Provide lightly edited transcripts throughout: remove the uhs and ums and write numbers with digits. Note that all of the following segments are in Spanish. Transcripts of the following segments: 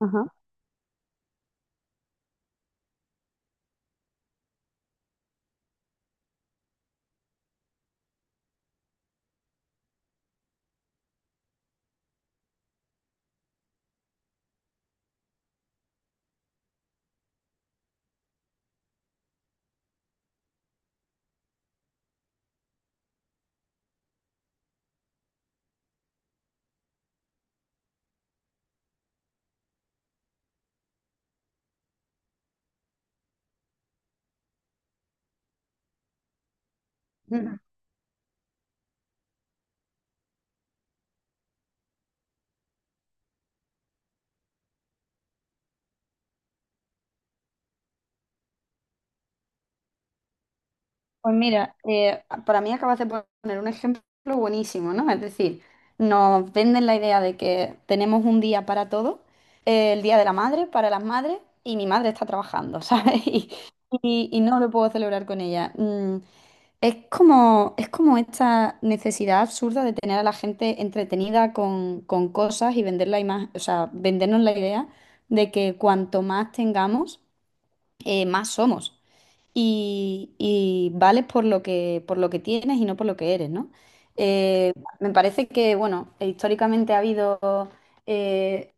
Ajá. Ujú. Pues mira, para mí acabas de poner un ejemplo buenísimo, ¿no? Es decir, nos venden la idea de que tenemos un día para todo, el día de la madre, para las madres, y mi madre está trabajando, ¿sabes? Y no lo puedo celebrar con ella. Es como esta necesidad absurda de tener a la gente entretenida con cosas y vender la o sea, vendernos la idea de que cuanto más tengamos, más somos. Y vales por lo que tienes y no por lo que eres, ¿no? Eh, me parece que, bueno, históricamente ha habido eh,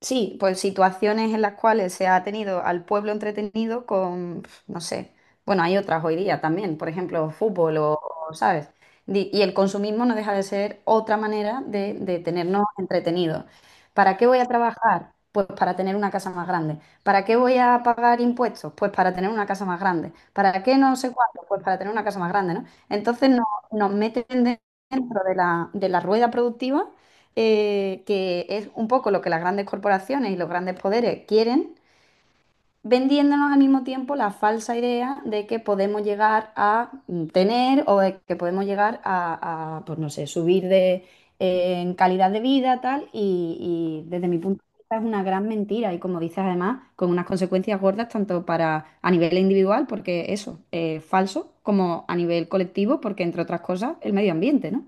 Sí, pues situaciones en las cuales se ha tenido al pueblo entretenido con, no sé, bueno, hay otras hoy día también, por ejemplo, fútbol o, ¿sabes? Y el consumismo no deja de ser otra manera de tenernos entretenidos. ¿Para qué voy a trabajar? Pues para tener una casa más grande. ¿Para qué voy a pagar impuestos? Pues para tener una casa más grande. ¿Para qué no sé cuánto? Pues para tener una casa más grande, ¿no? Entonces nos meten dentro de la rueda productiva que es un poco lo que las grandes corporaciones y los grandes poderes quieren, vendiéndonos al mismo tiempo la falsa idea de que podemos llegar a tener o de que podemos llegar a, pues no sé, subir en calidad de vida, tal, y desde mi punto de vista es una gran mentira y como dices además, con unas consecuencias gordas tanto para a nivel individual, porque eso, es falso, como a nivel colectivo, porque entre otras cosas, el medio ambiente, ¿no?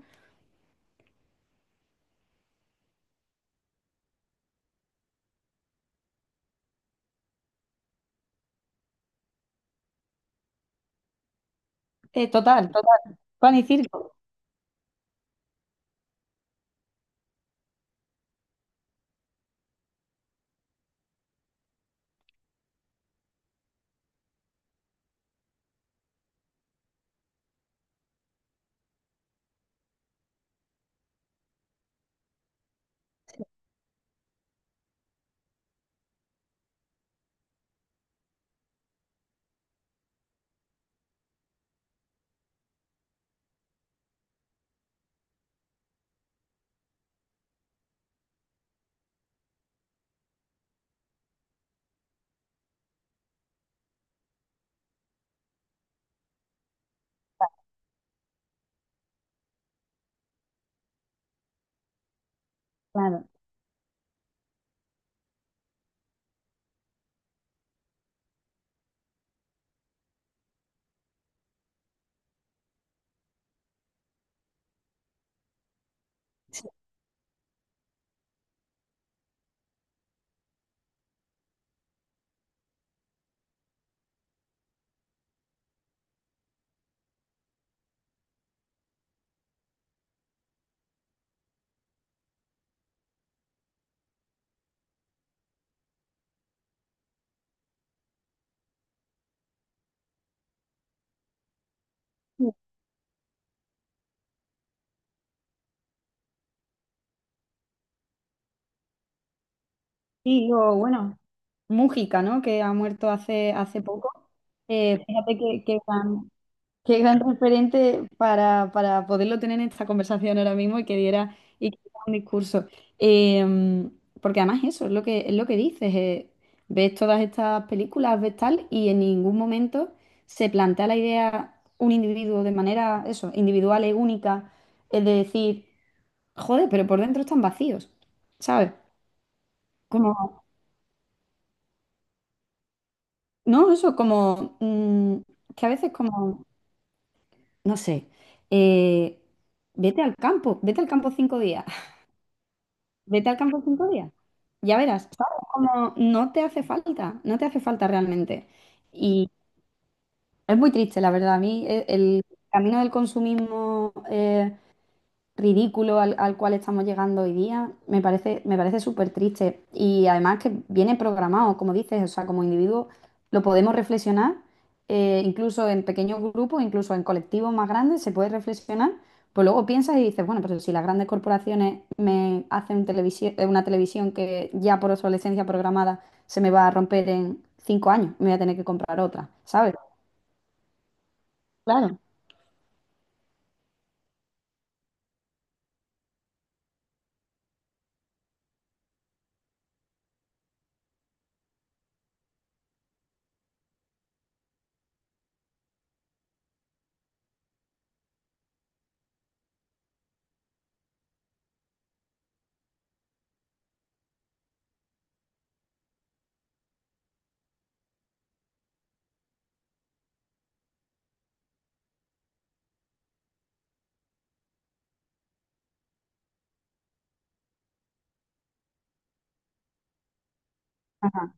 Total, total. Pan y circo. Claro. Sí, o bueno, Mújica, ¿no? Que ha muerto hace poco. Fíjate qué gran referente para poderlo tener en esta conversación ahora mismo y que diera un discurso. Eh, porque además eso es lo que dices. Ves todas estas películas, ves tal, y en ningún momento se plantea la idea un individuo de manera, eso, individual y única, es de decir, joder, pero por dentro están vacíos, ¿sabes? No, eso como que a veces como, no sé, eh, vete al campo cinco días, vete al campo cinco días, ya verás, ¿sabes? Como no te hace falta, no te hace falta realmente. Y es muy triste, la verdad, a mí el camino del consumismo ridículo al cual estamos llegando hoy día, me parece súper triste. Y además que viene programado, como dices, o sea, como individuo lo podemos reflexionar, incluso en pequeños grupos, incluso en colectivos más grandes, se puede reflexionar. Pues luego piensas y dices, bueno, pero si las grandes corporaciones me hacen una televisión que ya por obsolescencia programada se me va a romper en cinco años, me voy a tener que comprar otra, ¿sabes? Claro. Ajá.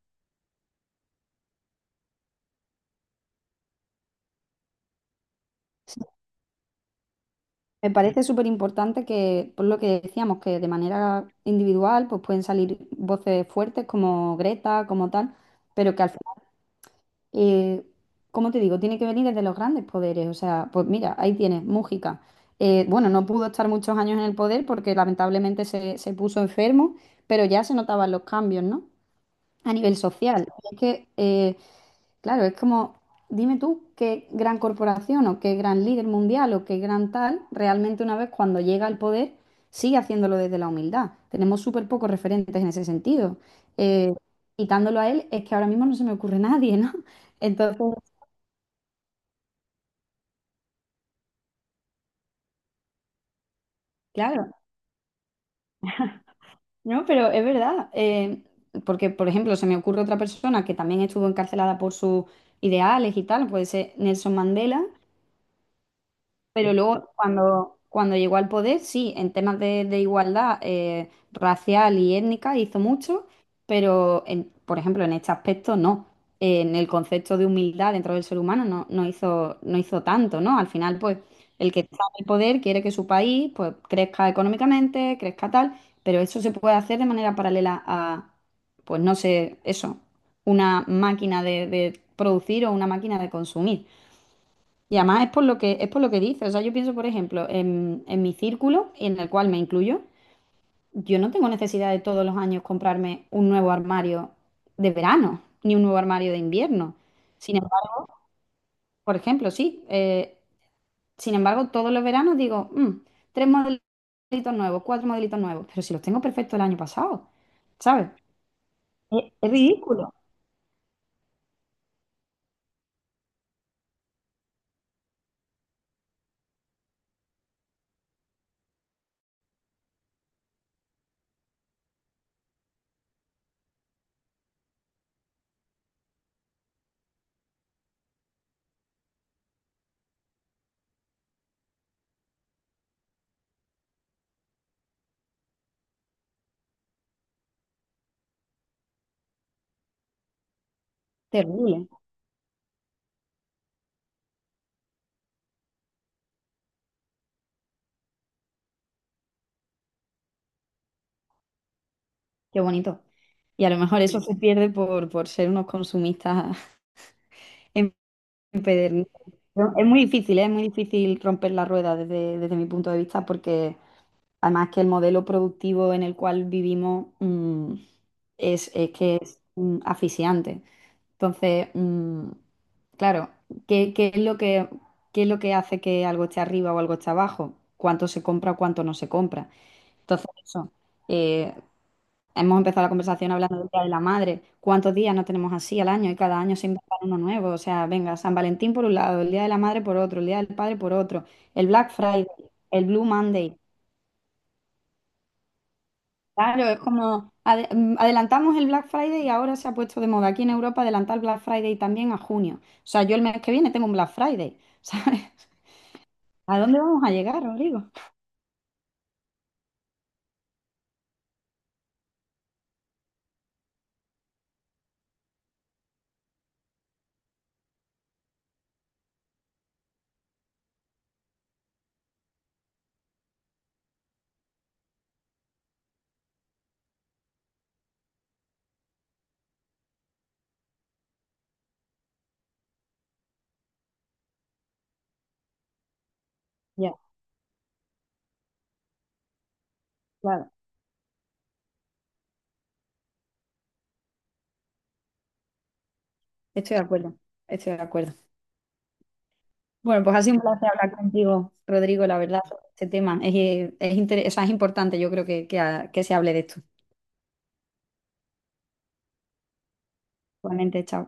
Me parece súper importante que, por lo que decíamos, que de manera individual pues pueden salir voces fuertes como Greta, como tal, pero que al final, eh, como te digo, tiene que venir desde los grandes poderes. O sea, pues mira, ahí tienes, Mújica. Bueno, no pudo estar muchos años en el poder porque lamentablemente se puso enfermo, pero ya se notaban los cambios, ¿no? A nivel social. Es que claro, es como, dime tú qué gran corporación o qué gran líder mundial o qué gran tal, realmente una vez cuando llega al poder, sigue haciéndolo desde la humildad. Tenemos súper pocos referentes en ese sentido. Eh, quitándolo a él, es que ahora mismo no se me ocurre nadie, ¿no? Entonces, claro, no, pero es verdad. Porque, por ejemplo, se me ocurre otra persona que también estuvo encarcelada por sus ideales y tal, puede ser Nelson Mandela, pero luego, cuando llegó al poder, sí, en temas de igualdad racial y étnica hizo mucho, pero, por ejemplo, en este aspecto no. En el concepto de humildad dentro del ser humano no, no hizo, no hizo tanto, ¿no? Al final, pues, el que está en el poder quiere que su país, pues, crezca económicamente, crezca tal, pero eso se puede hacer de manera paralela a, pues, no sé, eso, una máquina de producir o una máquina de consumir. Y además es por lo que dice. O sea, yo pienso, por ejemplo, en mi círculo, en el cual me incluyo, yo no tengo necesidad de todos los años comprarme un nuevo armario de verano, ni un nuevo armario de invierno. Sin embargo, por ejemplo, sí. Sin embargo, todos los veranos digo, "Tres modelitos nuevos, cuatro modelitos nuevos. Pero si los tengo perfectos el año pasado, ¿sabes? Es ridículo. Terrible. Qué bonito. Y a lo mejor eso se pierde por ser unos consumistas empedernido. Pero es muy difícil, ¿eh? Es muy difícil romper la rueda desde mi punto de vista porque además que el modelo productivo en el cual vivimos es que es asfixiante. Entonces, claro, qué, qué es lo que, qué es lo que hace que algo esté arriba o algo esté abajo? ¿Cuánto se compra o cuánto no se compra? Entonces, eso. eh, Hemos empezado la conversación hablando del Día de la Madre. ¿Cuántos días no tenemos así al año? Y cada año se inventa uno nuevo. O sea, venga, San Valentín por un lado, el Día de la Madre por otro, el Día del Padre por otro, el Black Friday, el Blue Monday. Claro, es como adelantamos el Black Friday y ahora se ha puesto de moda aquí en Europa adelantar el Black Friday también a junio. O sea, yo el mes que viene tengo un Black Friday, ¿sabes? ¿A dónde vamos a llegar, Rodrigo? Ya, claro, estoy de acuerdo, estoy de acuerdo. Bueno, pues ha sido un placer hablar contigo, Rodrigo, la verdad, sobre este tema. O sea, es importante, yo creo que se hable de esto. Igualmente, chao.